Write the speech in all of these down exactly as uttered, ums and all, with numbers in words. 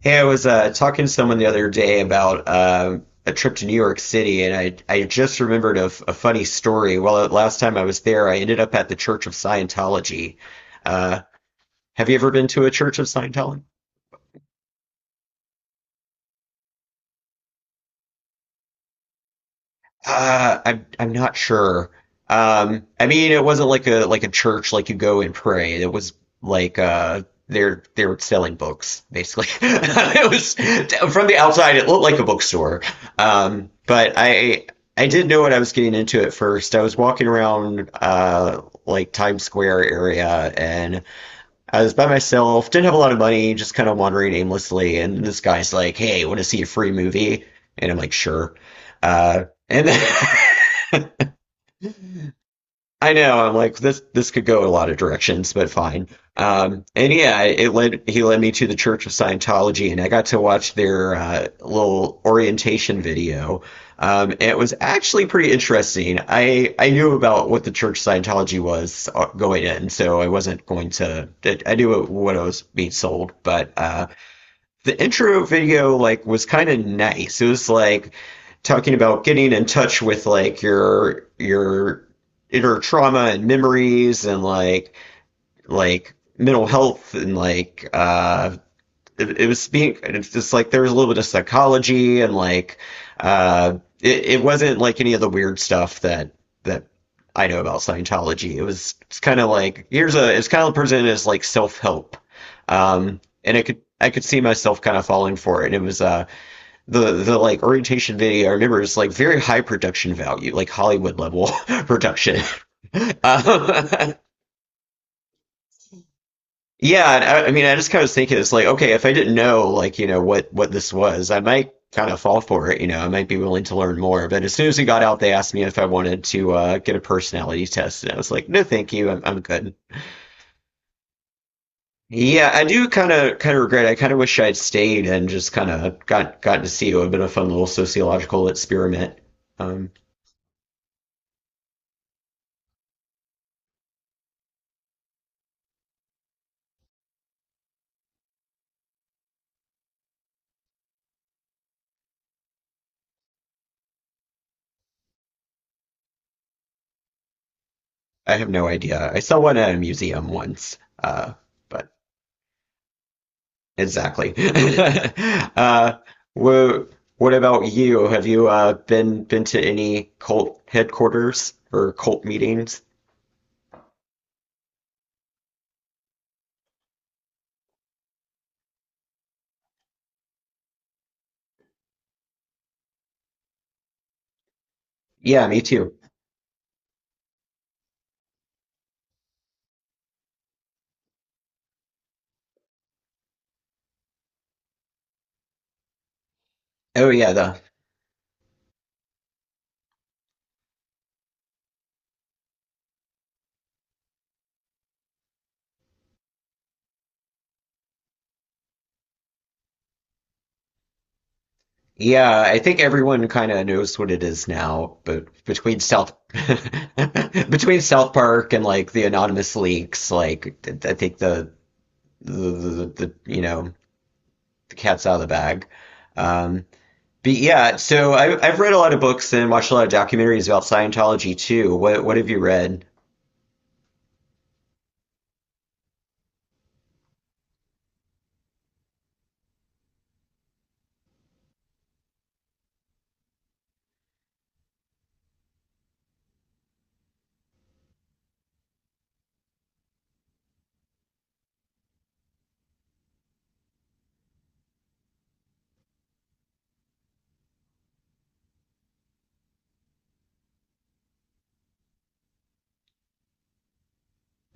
Hey, I was uh, talking to someone the other day about um, a trip to New York City, and I I just remembered a, f- a funny story. Well, uh, last time I was there, I ended up at the Church of Scientology. Uh, have you ever been to a Church of Scientology? Uh, I'm I'm not sure. Um, I mean, it wasn't like a like a church like you go and pray. It was like uh, they're they're selling books basically. It was from the outside, it looked like a bookstore. Um, but I I didn't know what I was getting into at first. I was walking around uh like Times Square area, and I was by myself, didn't have a lot of money, just kind of wandering aimlessly. And this guy's like, "Hey, want to see a free movie?" And I'm like, "Sure." Uh, and then I know. I'm like this. This could go a lot of directions, but fine. Um, and yeah, it led. He led me to the Church of Scientology, and I got to watch their uh, little orientation video. Um, and it was actually pretty interesting. I I knew about what the Church of Scientology was uh, going in, so I wasn't going to. I knew what I was being sold, but uh, the intro video like was kind of nice. It was like talking about getting in touch with like your your inner trauma and memories, and like like mental health, and like uh it, it was being it's just like there was a little bit of psychology, and like uh it, it wasn't like any of the weird stuff that that I know about Scientology. It was it's kind of like here's a it's kind of presented as like self help, um, and I could I could see myself kind of falling for it. And it was uh the the like orientation video. I remember it's like very high production value, like Hollywood level production. Um, Yeah, and I, I mean, I just kind of was thinking it's like, okay, if I didn't know, like, you know, what what this was, I might kind of fall for it, you know, I might be willing to learn more. But as soon as we got out, they asked me if I wanted to uh, get a personality test, and I was like, no, thank you, I'm I'm good. Yeah, I do kind of kind of regret. I kind of wish I'd stayed and just kind of got gotten to see it. It would have been a fun little sociological experiment. Um, I have no idea. I saw one at a museum once, uh, but. Exactly. Uh, wha- what about you? Have you uh, been been to any cult headquarters or cult meetings? Yeah, me too. Oh yeah, the yeah. I think everyone kind of knows what it is now, but between South between South Park and like the anonymous leaks, like I think the the, the, the you know the cat's out of the bag. Um, But yeah, so I, I've read a lot of books and watched a lot of documentaries about Scientology too. What what have you read?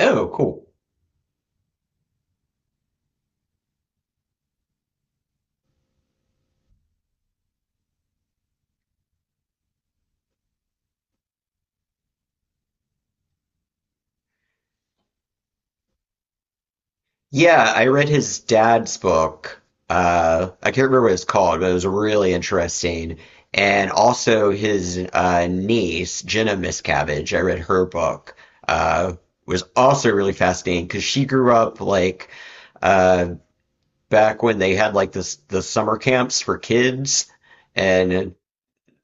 Oh, cool. Yeah, I read his dad's book. Uh, I can't remember what it's called, but it was really interesting. And also his uh, niece, Jenna Miscavige. I read her book. Uh, was also really fascinating because she grew up like uh, back when they had like this the summer camps for kids, and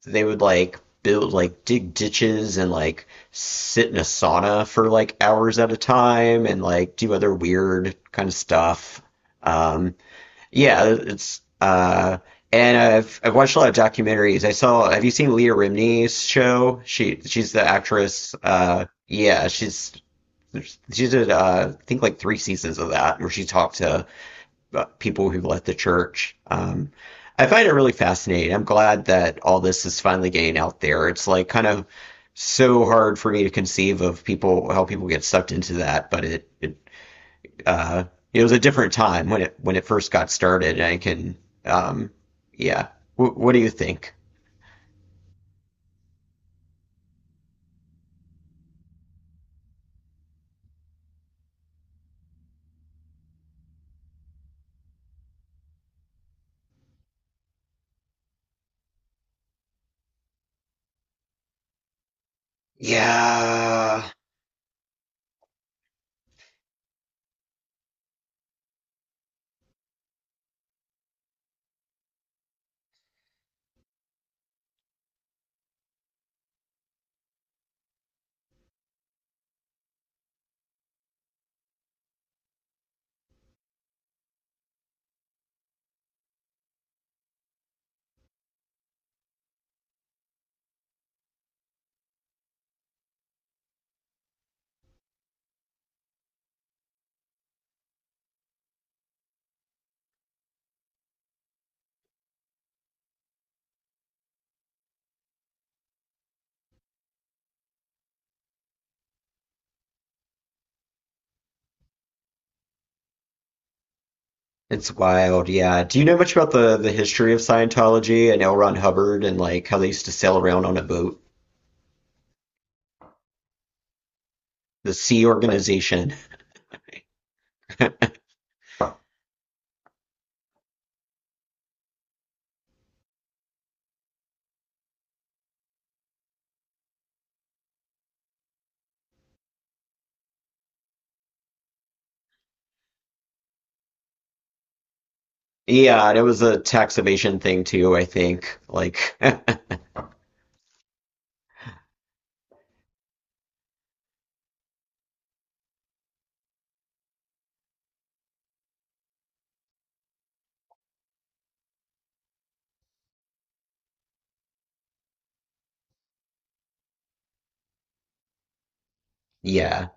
they would like build like dig ditches, and like sit in a sauna for like hours at a time, and like do other weird kind of stuff. Um, yeah, it's uh, and I've I've watched a lot of documentaries. I saw. Have you seen Leah Remini's show? She she's the actress. Uh, yeah, she's she did uh, I think like three seasons of that where she talked to uh, people who left the church. Um, I find it really fascinating. I'm glad that all this is finally getting out there. It's like kind of so hard for me to conceive of people how people get sucked into that, but it it uh, it was a different time when it when it first got started. And I can um, yeah. W- what do you think? Yeah, it's wild. Yeah. Do you know much about the the history of Scientology and L. Ron Hubbard, and like how they used to sail around on a boat? The Sea Organization. Yeah, and it was a tax evasion thing too, I think. Like, yeah.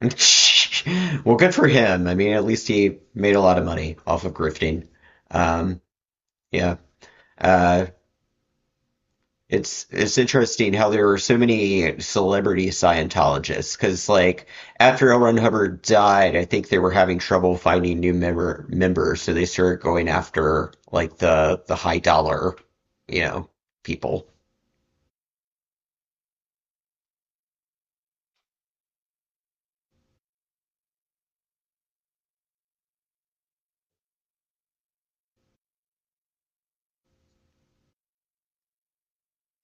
Well, good for him. I mean, at least he made a lot of money off of grifting. Um, yeah. Uh, it's it's interesting how there were so many celebrity Scientologists because, like, after L. Ron Hubbard died, I think they were having trouble finding new member members, so they started going after like the the high dollar, you know, people.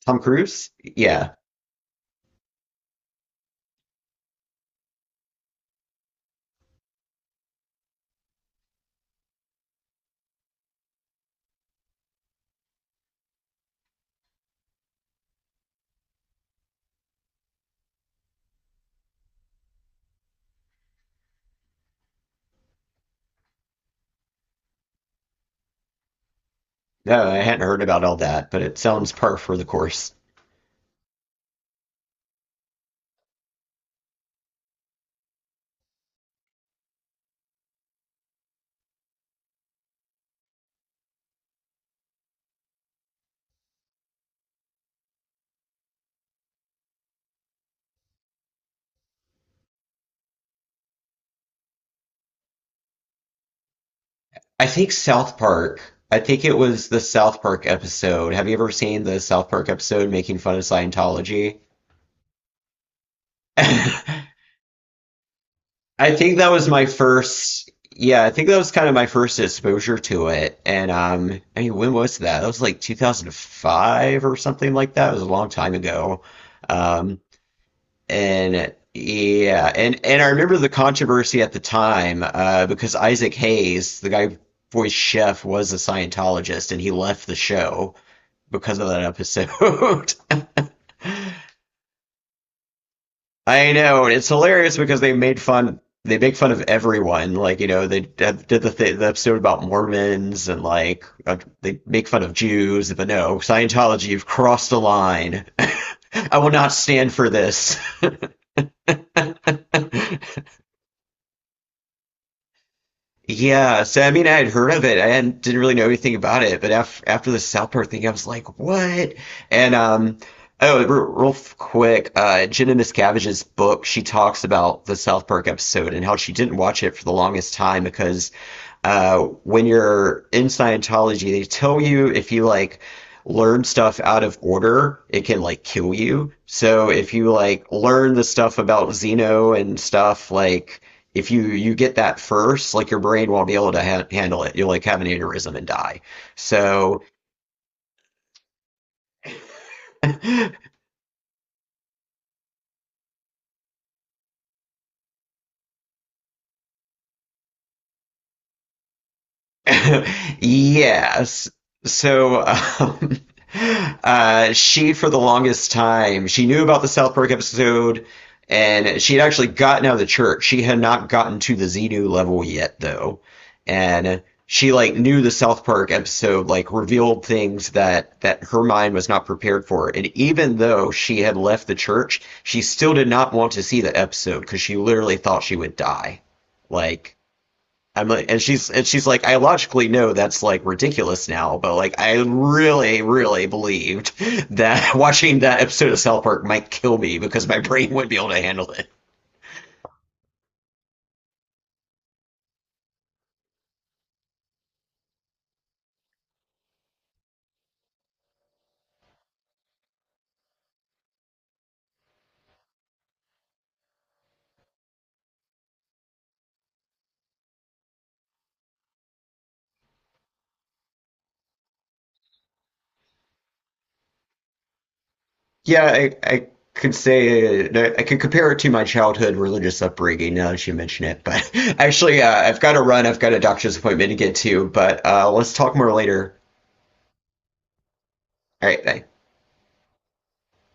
Tom Cruise? Yeah. No, I hadn't heard about all that, but it sounds par for the course. I think South Park, I think it was the South Park episode. Have you ever seen the South Park episode making fun of Scientology? I think that was my first, yeah, I think that was kind of my first exposure to it. And um, I mean, when was that? That was like two thousand five or something like that. It was a long time ago. Um, And yeah, and and I remember the controversy at the time uh, because Isaac Hayes, the guy who voiced Chef, was a Scientologist, and he left the show because of that episode. I know, and it's hilarious because they made fun. They make fun of everyone. Like, you know, they did the, th the episode about Mormons, and like uh, they make fun of Jews, but no, Scientology, you've crossed the line. I will not stand for this. Yeah, so I mean, I had heard of it. I hadn't, didn't really know anything about it, but after after the South Park thing, I was like, what? And um, oh, r real quick, uh, Jenna Miscavige's book, she talks about the South Park episode and how she didn't watch it for the longest time because uh, when you're in Scientology, they tell you if you like learn stuff out of order, it can like kill you. So if you like learn the stuff about Xeno and stuff, like if you you get that first, like your brain won't be able to ha handle it. You'll like have an aneurysm and die. So Yes. So, um, uh, she, for the longest time, she knew about the South Park episode, and she had actually gotten out of the church. She had not gotten to the Xenu level yet, though. And she, like, knew the South Park episode, like, revealed things that, that her mind was not prepared for. And even though she had left the church, she still did not want to see the episode because she literally thought she would die. Like, I'm like, and she's and she's like, I logically know that's like ridiculous now, but like I really, really believed that watching that episode of South Park might kill me because my brain wouldn't be able to handle it. Yeah, I, I could say no, I could compare it to my childhood religious upbringing now that you mention it. But actually, uh, I've got to run. I've got a doctor's appointment to get to. But uh, let's talk more later. All right, bye.